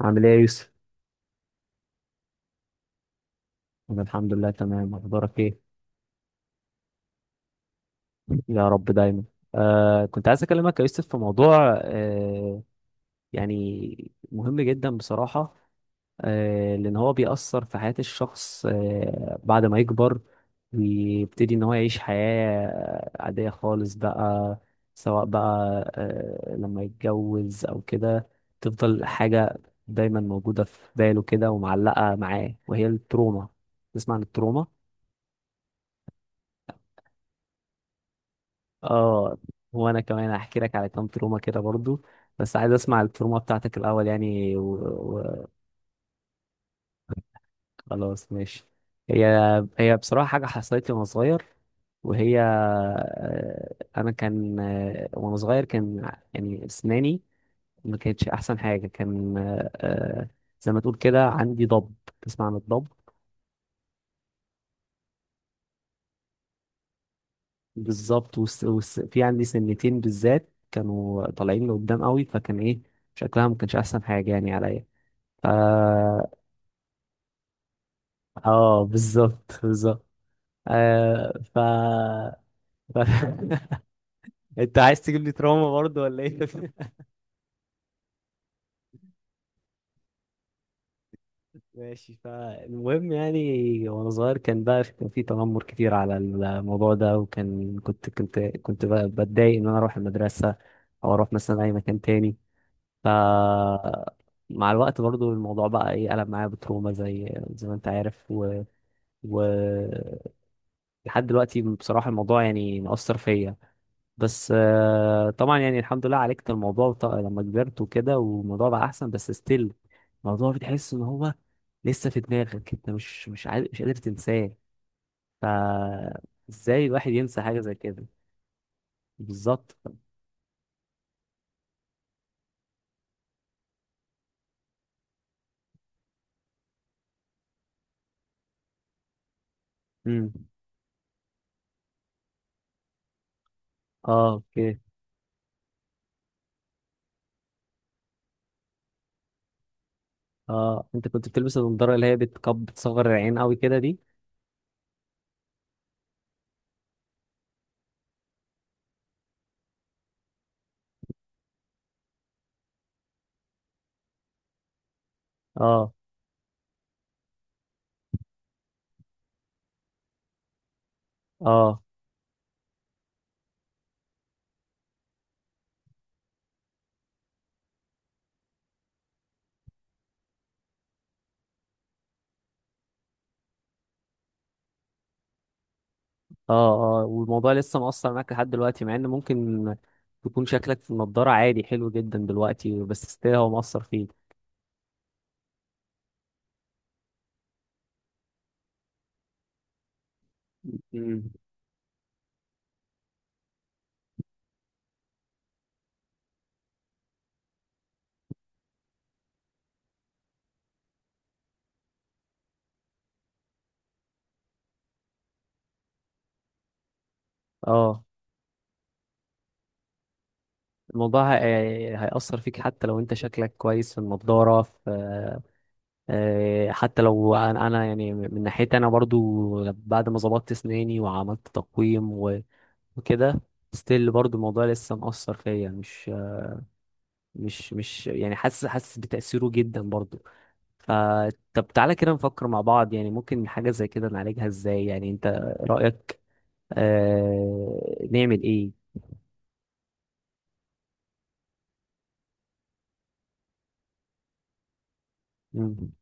عامل ايه يا يوسف؟ أنا الحمد لله تمام، أخبارك ايه؟ يا رب دايما. كنت عايز أكلمك يا يوسف في موضوع يعني مهم جدا بصراحة. لأن هو بيأثر في حياة الشخص بعد ما يكبر، ويبتدي إن هو يعيش حياة عادية خالص بقى، سواء بقى لما يتجوز أو كده، تفضل حاجة دايما موجودة في باله كده ومعلقة معاه، وهي التروما. تسمع عن التروما؟ اه، وانا كمان هحكي لك على كام تروما كده برضو، بس عايز اسمع التروما بتاعتك الاول يعني خلاص، ماشي. هي هي بصراحة حاجة حصلت لي وانا صغير، وهي انا كان آه، وانا صغير كان يعني اسناني ما كانتش احسن حاجة، كان زي ما تقول كده عندي ضب. تسمع عن الضب؟ بالظبط في عندي سنتين بالذات كانوا طالعين لقدام قوي، فكان ايه، شكلها ما كانش احسن حاجة يعني عليا. ف اه، بالظبط بالظبط. آه ف... ف... انت عايز تجيب لي تروما برضه ولا ايه؟ ماشي. فالمهم يعني وانا صغير كان بقى، كان في تنمر كتير على الموضوع ده، وكان كنت بقى بتضايق ان انا اروح المدرسه، او اروح مثلا اي مكان تاني. ف مع الوقت برضو الموضوع بقى ايه، قلب معايا بتروما زي ما انت عارف، و... لحد دلوقتي بصراحه الموضوع يعني مأثر فيا. بس طبعا يعني الحمد لله عالجت الموضوع لما كبرت وكده، والموضوع بقى احسن، بس ستيل الموضوع بتحس ان هو لسه في دماغك، انت مش قادر تنساه. ف ازاي الواحد ينسى حاجه زي كده؟ بالظبط. امم اه، اوكي. اه، انت كنت بتلبس النضاره اللي هي بتصغر العين قوي كده دي؟ اه، اه، اه، اه، والموضوع لسه مؤثر معاك لحد دلوقتي، مع ان ممكن تكون شكلك في النضاره عادي حلو جدا دلوقتي، بس ستيل هو مؤثر فيك. اه، الموضوع هيأثر فيك حتى لو انت شكلك كويس في النضارة، في حتى لو انا، يعني من ناحيتي انا برضو بعد ما ظبطت اسناني وعملت تقويم وكده، ستيل برضو الموضوع لسه مأثر فيا، مش يعني حاسس بتأثيره جدا برضو. فطب تعالى كده نفكر مع بعض، يعني ممكن حاجة زي كده نعالجها ازاي، يعني انت رأيك نعمل ايه؟ امم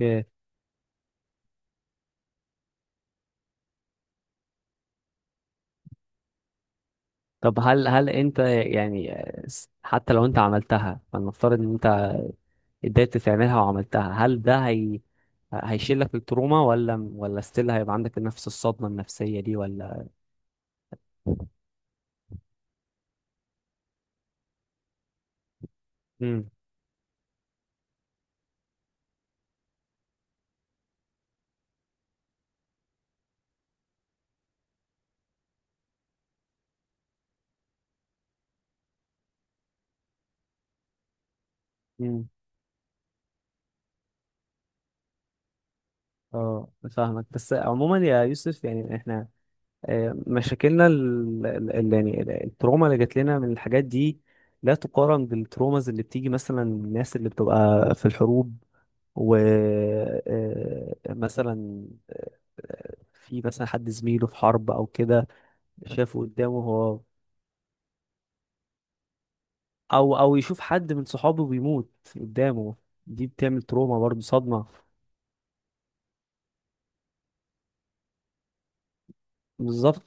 اوكي. طب هل انت يعني حتى لو انت عملتها، فلنفترض ان انت قدرت تعملها وعملتها، هل ده هي هيشيل لك التروما، ولا ستيل هيبقى عندك نفس الصدمة النفسية دي ولا؟ امم امم اه، فاهمك. بس عموما يا يوسف يعني احنا مشاكلنا، يعني التروما اللي جات لنا من الحاجات دي لا تقارن بالتروماز اللي بتيجي مثلا من الناس اللي بتبقى في الحروب. ومثلا في مثلا حد زميله في حرب او كده شافه قدامه هو، او يشوف حد من صحابه بيموت قدامه. دي بتعمل تروما برضه، صدمة. بالظبط،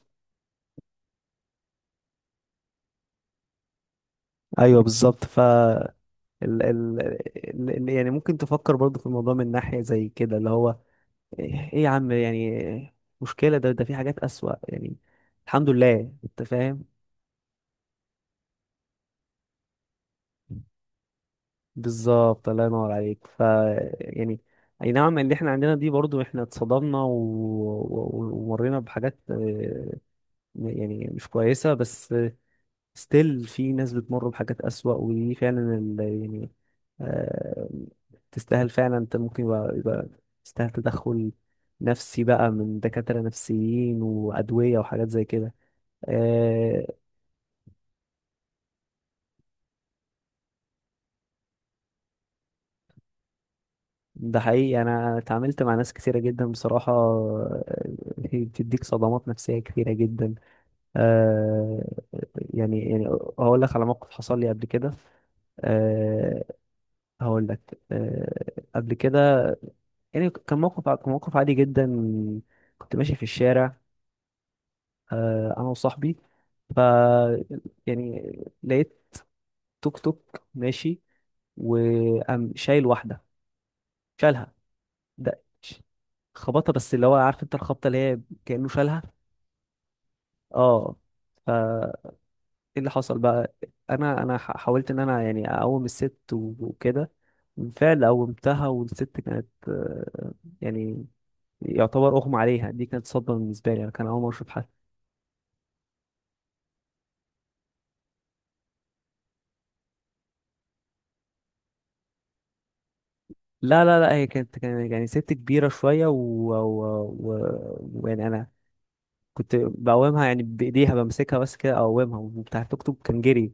ايوه بالظبط. ف يعني ممكن تفكر برضه في الموضوع من ناحية زي كده، اللي هو ايه يا عم، يعني مشكلة ده في حاجات أسوأ يعني. الحمد لله انت فاهم. بالظبط، الله ينور عليك. ف يعني اي نعم، اللي احنا عندنا دي برضو احنا اتصدمنا ومرينا بحاجات يعني مش كويسة، بس ستيل في ناس بتمر بحاجات أسوأ، ودي فعلا يعني آه، تستاهل فعلا. انت ممكن يبقى, تستاهل تدخل نفسي بقى من دكاترة نفسيين وأدوية وحاجات زي كده آه، ده حقيقي، انا اتعاملت مع ناس كتيره جدا بصراحه هي بتديك صدمات نفسيه كتيره جدا. آه. يعني يعني هقول لك على موقف حصل لي قبل كده. آه، هقول لك قبل كده. يعني كان موقف، عادي جدا. كنت ماشي في الشارع، انا وصاحبي. ف يعني لقيت توك توك ماشي، وقام شايل واحده. شالها. ده خبطها، بس اللي هو عارف انت الخبطه اللي هي كانه شالها. اه. ف ايه اللي حصل بقى، انا حاولت ان انا يعني اقوم الست وكده، بالفعل قومتها. والست كانت يعني يعتبر اغمى عليها. دي كانت صدمه بالنسبه لي، انا كان اول مره اشوف حد. لا لا لا، هي كانت، يعني ست كبيره شويه و... ويعني انا كنت بقومها يعني بايديها، بمسكها بس كده اقومها، وبتاع التوك توك كان جري.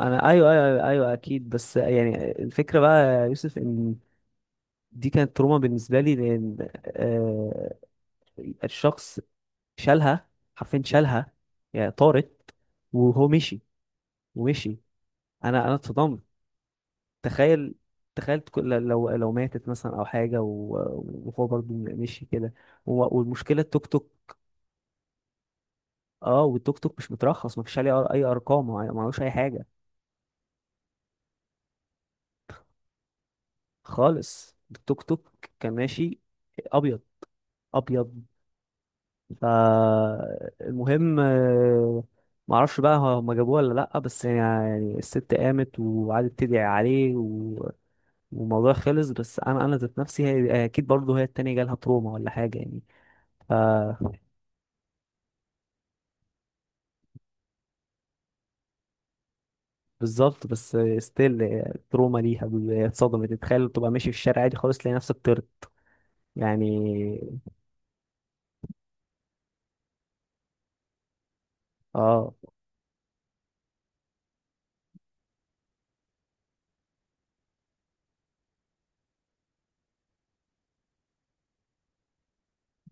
انا ايوه، ايوه، ايوه, أيوة اكيد. بس يعني الفكره بقى يا يوسف ان دي كانت تروما بالنسبه لي، لان آه الشخص شالها، حرفيا شالها، يعني طارت. وهو مشي. ومشي. انا اتصدمت. تخيل، لو ماتت مثلا او حاجه وهو برضو مشي كده، والمشكله التوك توك. اه، والتوك توك مش مترخص، مفيش عليه اي ارقام، ما معلوش اي حاجه خالص. التوك توك كان ماشي ابيض، ابيض فالمهم معرفش بقى هما جابوه ولا لأ. بس يعني، يعني الست قامت وقعدت تدعي عليه والموضوع خلص. بس أنا، ذات نفسي، هي أكيد برضه هي التانية جالها تروما ولا حاجة يعني. ف بالظبط. بس ستيل التروما ليها، هي اتصدمت. تتخيل تبقى ماشي في الشارع عادي خالص تلاقي نفسك طرت؟ يعني. اه.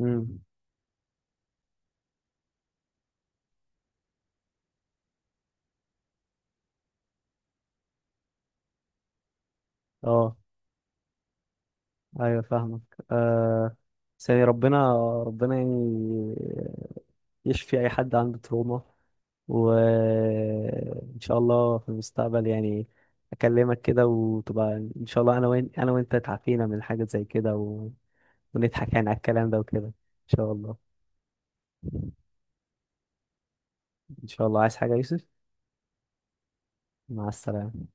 امم اه، ايوه فاهمك. آه بس يعني ربنا، يعني يشفي اي حد عنده تروما. وان شاء الله في المستقبل يعني اكلمك كده وتبقى، ان شاء الله انا، وين انا وانت اتعافينا من حاجة زي كده ونضحك يعني على الكلام ده وكده. ان شاء الله، ان شاء الله. عايز حاجة يا يوسف؟ مع السلامة.